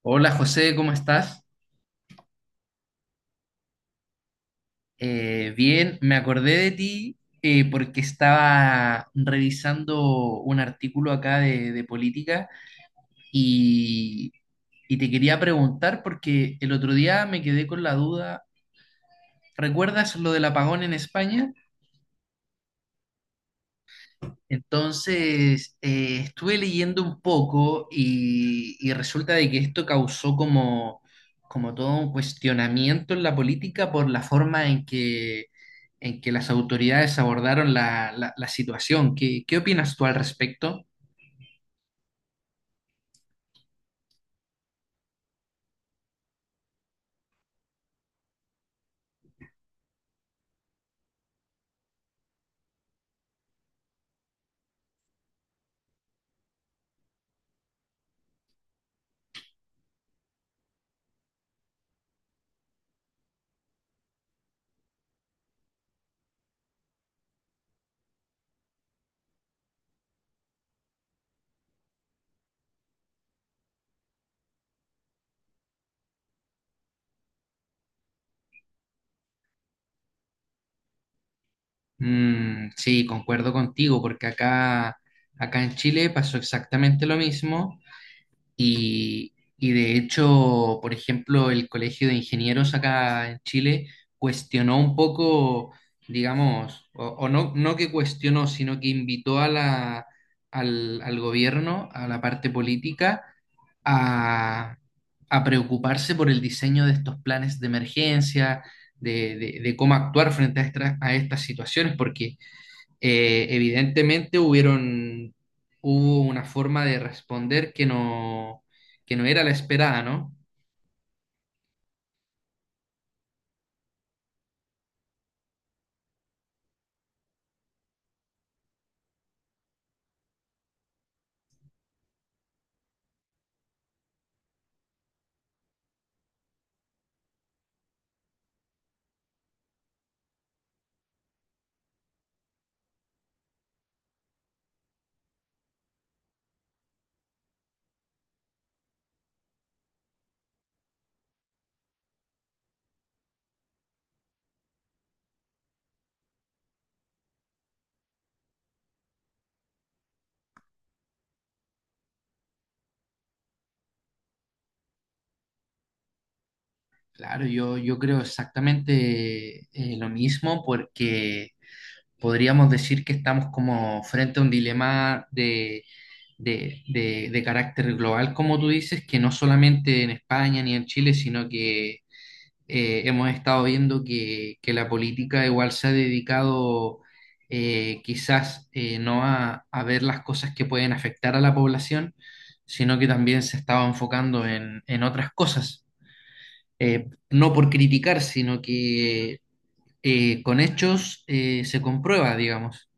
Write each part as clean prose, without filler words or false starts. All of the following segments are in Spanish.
Hola José, ¿cómo estás? Bien, me acordé de ti porque estaba revisando un artículo acá de política y, y te quería preguntar porque el otro día me quedé con la duda, ¿recuerdas lo del apagón en España? Entonces, estuve leyendo un poco y resulta de que esto causó como todo un cuestionamiento en la política por la forma en que las autoridades abordaron la situación. ¿Qué opinas tú al respecto? Mm, sí, concuerdo contigo, porque acá en Chile pasó exactamente lo mismo. Y de hecho, por ejemplo, el Colegio de Ingenieros acá en Chile cuestionó un poco, digamos, o no que cuestionó, sino que invitó al gobierno, a la parte política, a, a preocuparse por el diseño de estos planes de emergencia, de cómo actuar frente a estas situaciones, porque evidentemente hubo una forma de responder que no era la esperada, ¿no? Claro, yo creo exactamente lo mismo porque podríamos decir que estamos como frente a un dilema de carácter global, como tú dices, que no solamente en España ni en Chile, sino que hemos estado viendo que la política igual se ha dedicado quizás no a ver las cosas que pueden afectar a la población, sino que también se estaba enfocando en otras cosas. No por criticar, sino que con hechos se comprueba, digamos.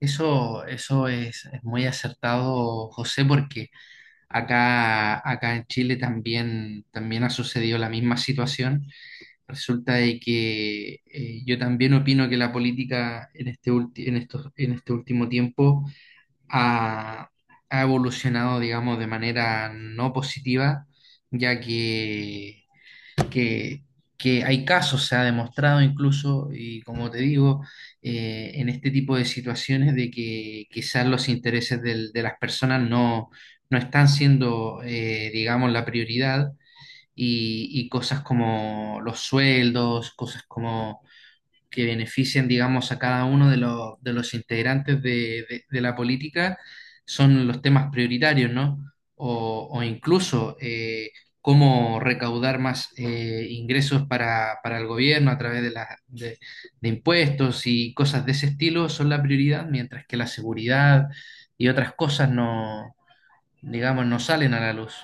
Eso es muy acertado, José, porque acá en Chile también ha sucedido la misma situación. Resulta de que yo también opino que la política en este en este último tiempo ha, ha evolucionado, digamos, de manera no positiva, ya que, que hay casos, se ha demostrado incluso, y como te digo, en este tipo de situaciones de que quizás los intereses de las personas no están siendo, digamos, la prioridad y cosas como los sueldos, cosas como que benefician, digamos, a cada uno de de los integrantes de la política, son los temas prioritarios, ¿no? O incluso cómo recaudar más ingresos para el gobierno a través de impuestos y cosas de ese estilo son la prioridad, mientras que la seguridad y otras cosas no, digamos, no salen a la luz.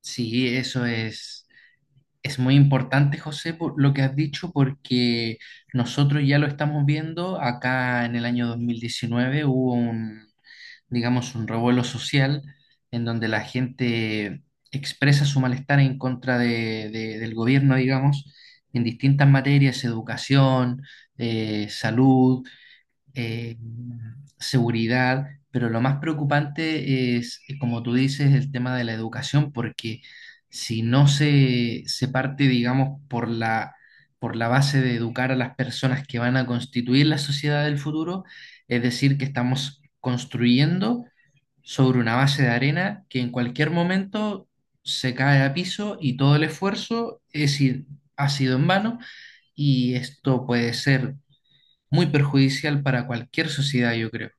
Sí, eso es. Es muy importante, José, por lo que has dicho, porque nosotros ya lo estamos viendo. Acá en el año 2019 hubo un, digamos, un revuelo social en donde la gente expresa su malestar en contra del gobierno, digamos, en distintas materias: educación, salud, eh, seguridad, pero lo más preocupante es, como tú dices, el tema de la educación, porque si no se parte, digamos, por por la base de educar a las personas que van a constituir la sociedad del futuro, es decir, que estamos construyendo sobre una base de arena que en cualquier momento se cae a piso y todo el esfuerzo ha sido en vano. Y esto puede ser muy perjudicial para cualquier sociedad, yo creo.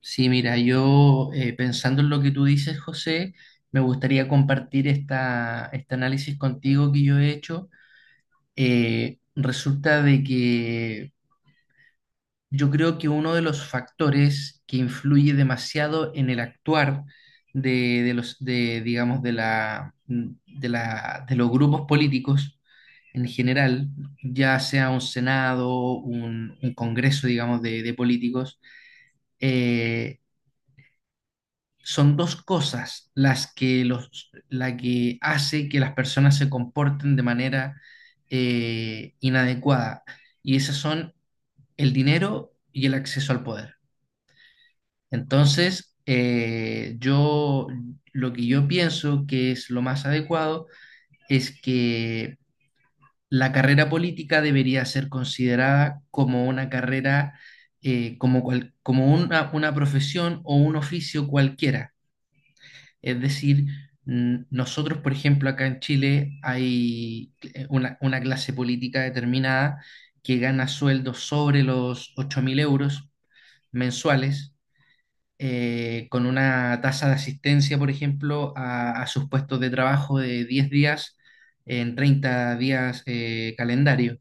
Sí, mira, yo pensando en lo que tú dices, José, me gustaría compartir este análisis contigo que yo he hecho. Resulta de que yo creo que uno de los factores que influye demasiado en el actuar digamos, de los grupos políticos en general, ya sea un Senado, un Congreso, digamos, de políticos, eh, son dos cosas la que hace que las personas se comporten de manera inadecuada. Y esas son el dinero y el acceso al poder. Entonces, yo lo que yo pienso que es lo más adecuado es que la carrera política debería ser considerada como una carrera, como una profesión o un oficio cualquiera. Es decir, nosotros, por ejemplo, acá en Chile hay una clase política determinada que gana sueldos sobre los 8.000 euros mensuales, con una tasa de asistencia, por ejemplo, a sus puestos de trabajo de 10 días en 30 días calendario.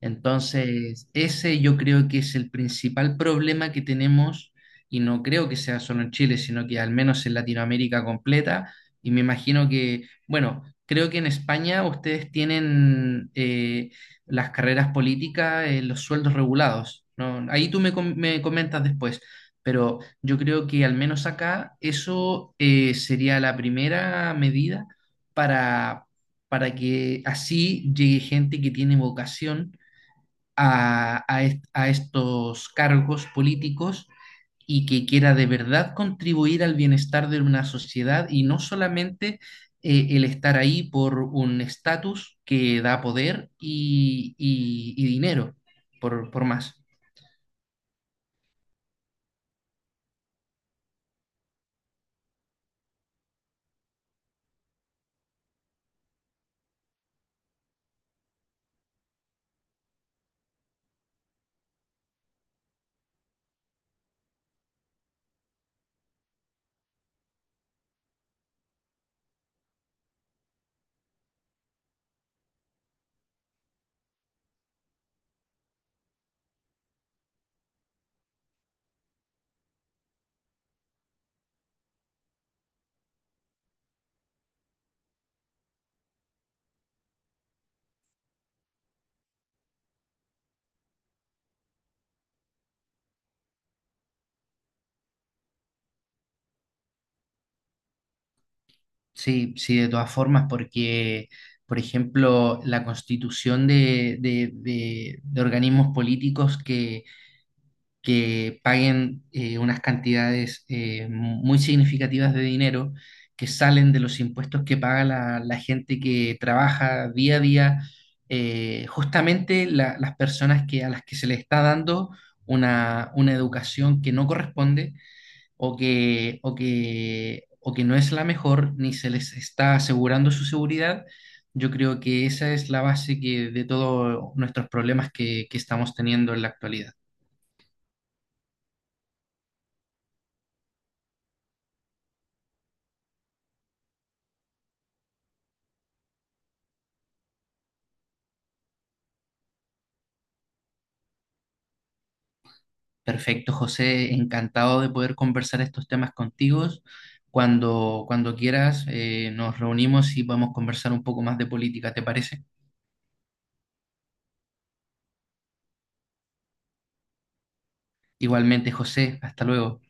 Entonces, ese yo creo que es el principal problema que tenemos, y no creo que sea solo en Chile, sino que al menos en Latinoamérica completa, y me imagino que, bueno, creo que en España ustedes tienen las carreras políticas, los sueldos regulados, ¿no? Ahí tú me comentas después, pero yo creo que al menos acá eso sería la primera medida para, para que así llegue gente que tiene vocación a estos cargos políticos y que quiera de verdad contribuir al bienestar de una sociedad y no solamente el estar ahí por un estatus que da poder y dinero, por más. Sí, sí, de todas formas, porque, por ejemplo, la constitución de organismos políticos que paguen unas cantidades muy significativas de dinero que salen de los impuestos que paga la gente que trabaja día a día, justamente las personas a las que se les está dando una educación que no corresponde o que no es la mejor, ni se les está asegurando su seguridad. Yo creo que esa es la base de todos nuestros problemas que estamos teniendo en la actualidad. Perfecto, José, encantado de poder conversar estos temas contigo. Cuando quieras, nos reunimos y podemos conversar un poco más de política, ¿te parece? Igualmente, José, hasta luego.